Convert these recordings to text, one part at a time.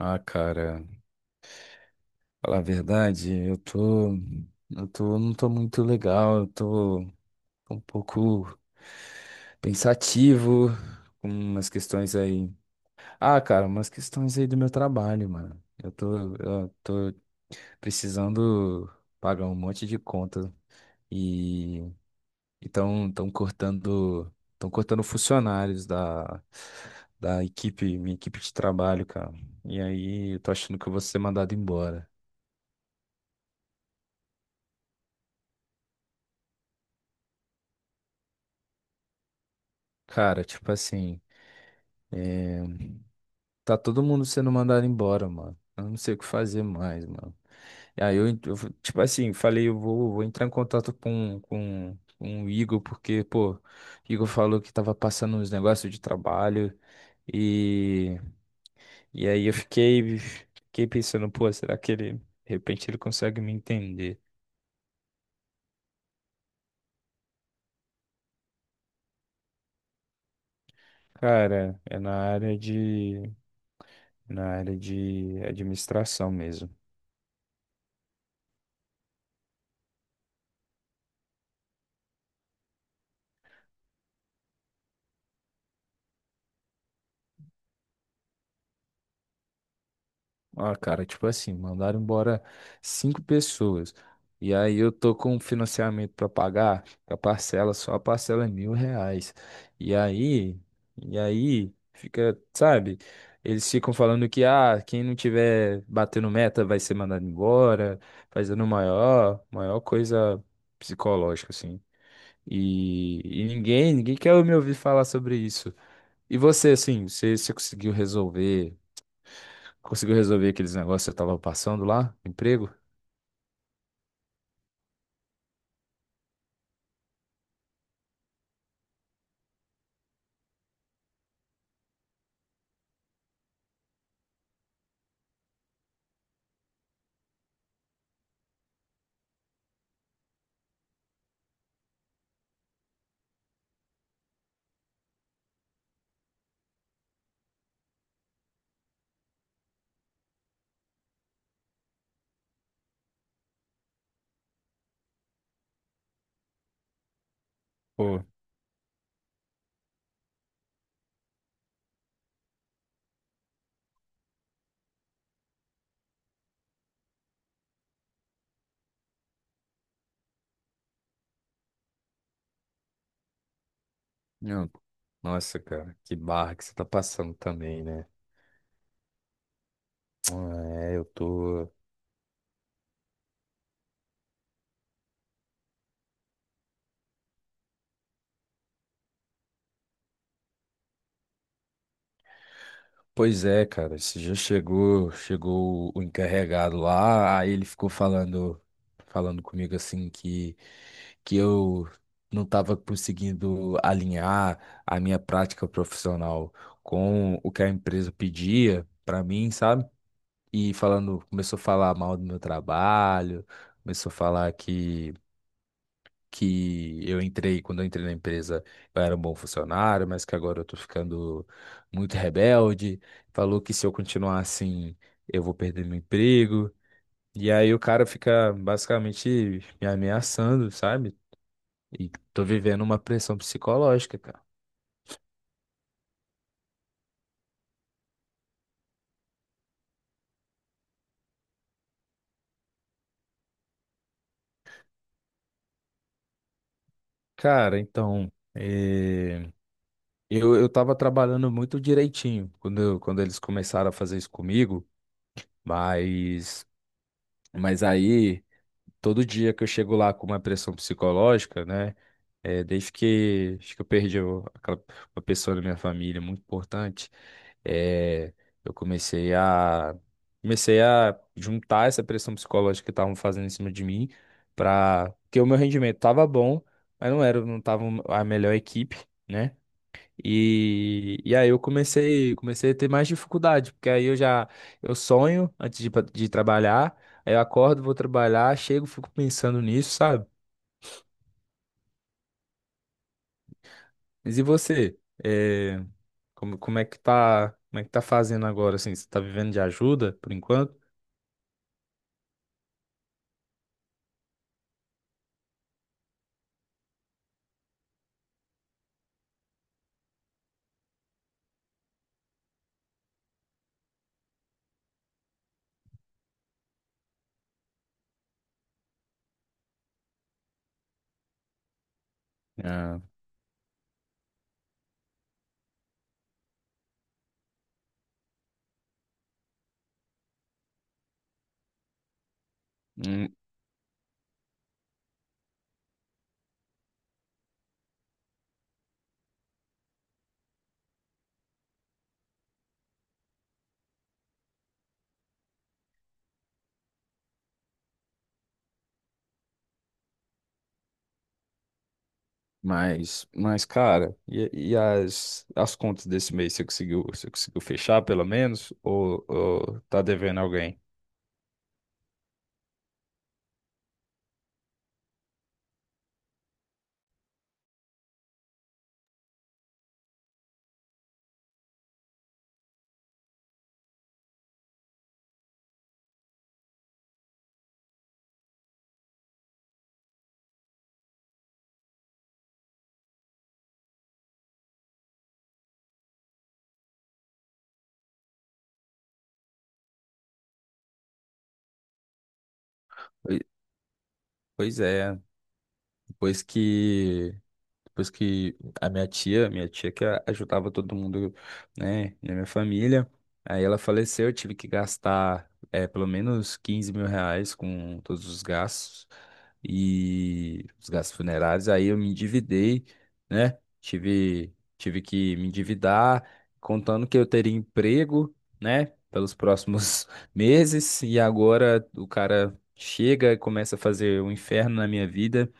Ah, cara, falar a verdade, eu tô, não tô muito legal, eu tô um pouco pensativo com umas questões aí. Ah, cara, umas questões aí do meu trabalho, mano. Eu tô precisando pagar um monte de conta e então estão cortando funcionários da equipe, minha equipe de trabalho, cara. E aí eu tô achando que eu vou ser mandado embora. Cara, tipo assim, tá todo mundo sendo mandado embora, mano. Eu não sei o que fazer mais, mano. E aí eu, tipo assim, falei, vou entrar em contato com o Igor, porque, pô, Igor falou que tava passando uns negócios de trabalho e, e aí fiquei pensando, pô, será que ele, de repente ele consegue me entender? Cara, na área de administração mesmo. Ah, cara, tipo assim, mandaram embora 5 pessoas. E aí eu tô com um financiamento pra pagar, a parcela, só a parcela é 1.000 reais. E aí, e aí fica, sabe? Eles ficam falando que, ah, quem não tiver batendo meta vai ser mandado embora, fazendo maior coisa psicológica, assim. E ninguém quer me ouvir falar sobre isso. E você, assim, você conseguiu resolver? Conseguiu resolver aqueles negócios que você tava passando lá? Emprego? Pô, não. Nossa, cara, que barra que você tá passando também, né? Ah, é, eu tô. Pois é, cara, esse dia chegou, chegou o encarregado lá, aí ele ficou falando, falando comigo assim que eu não tava conseguindo alinhar a minha prática profissional com o que a empresa pedia pra mim, sabe? E falando, começou a falar mal do meu trabalho, começou a falar que quando eu entrei na empresa, eu era um bom funcionário, mas que agora eu tô ficando muito rebelde. Falou que se eu continuar assim, eu vou perder meu emprego. E aí o cara fica basicamente me ameaçando, sabe? E tô vivendo uma pressão psicológica, cara. Cara, então, eu tava trabalhando muito direitinho quando, quando eles começaram a fazer isso comigo. Mas, mas aí, todo dia que eu chego lá com uma pressão psicológica, né? É, desde que, acho que eu perdi aquela, uma pessoa da minha família muito importante, é, eu comecei a, comecei a juntar essa pressão psicológica que estavam fazendo em cima de mim, para porque o meu rendimento estava bom, mas não tava a melhor equipe. Né? E aí comecei a ter mais dificuldade, porque aí eu já eu sonho antes de, de trabalhar, aí eu acordo, vou trabalhar, chego, fico pensando nisso, sabe? Mas e você? É, como é que tá, como é que tá fazendo agora, assim? Você tá vivendo de ajuda por enquanto? É, hum, mas, cara, e as contas desse mês, você conseguiu fechar pelo menos? Ou tá devendo alguém? Poi- Pois é, depois que depois que a minha tia que ajudava todo mundo, né, na minha família, aí ela faleceu, eu tive que gastar é, pelo menos 15.000 reais com todos os gastos e os gastos funerários. Aí eu me endividei, né? Tive que me endividar, contando que eu teria emprego, né, pelos próximos meses. E agora o cara chega e começa a fazer um inferno na minha vida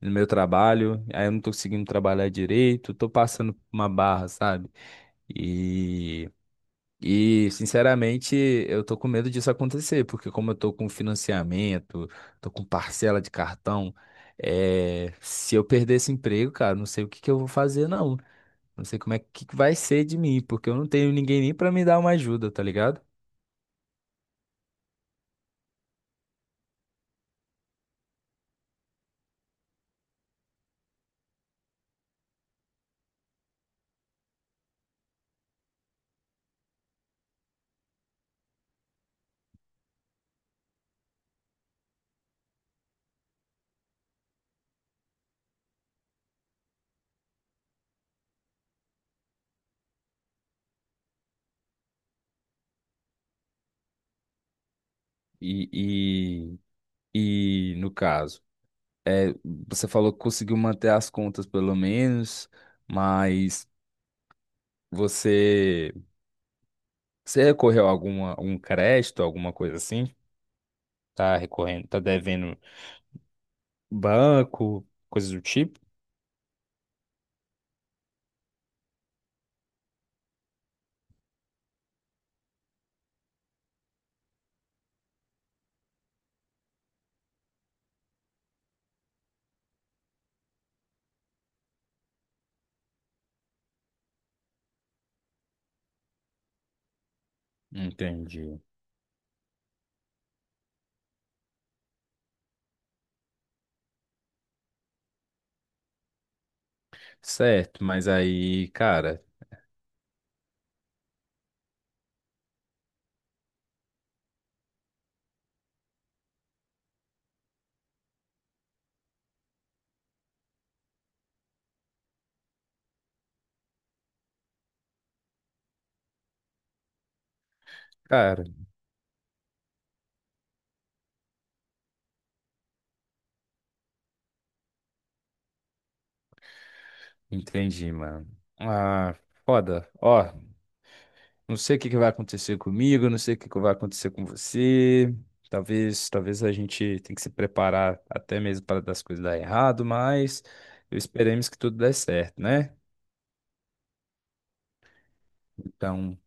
no meu trabalho, aí eu não tô conseguindo trabalhar direito, tô passando por uma barra, sabe? E, e sinceramente, eu tô com medo disso acontecer, porque como eu tô com financiamento, tô com parcela de cartão, é, se eu perder esse emprego, cara, não sei o que que eu vou fazer, não. Não sei como é que vai ser de mim, porque eu não tenho ninguém nem pra me dar uma ajuda, tá ligado? E, e, e no caso, é, você falou que conseguiu manter as contas pelo menos, mas você, você recorreu a alguma, algum crédito, alguma coisa assim? Tá recorrendo, tá devendo banco, coisas do tipo? Entendi. Certo, mas aí, cara, cara, entendi, mano. Ah, foda. Ó, não sei o que que vai acontecer comigo, não sei o que que vai acontecer com você. Talvez a gente tenha que se preparar até mesmo para das coisas dar errado, mas eu esperemos que tudo dê certo, né? Então,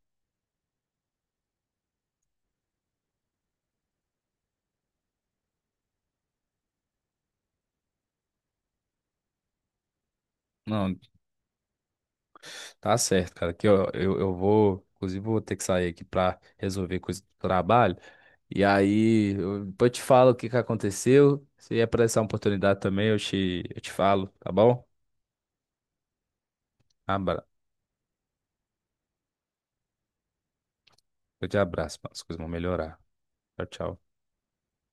não, tá certo, cara. Aqui, ó, eu vou, inclusive, vou ter que sair aqui pra resolver coisa do trabalho. E aí, eu, depois eu te falo o que que aconteceu. Se aparecer uma oportunidade também, eu te falo, tá bom? Abra, eu te abraço, mano. As coisas vão melhorar. Tchau, tchau.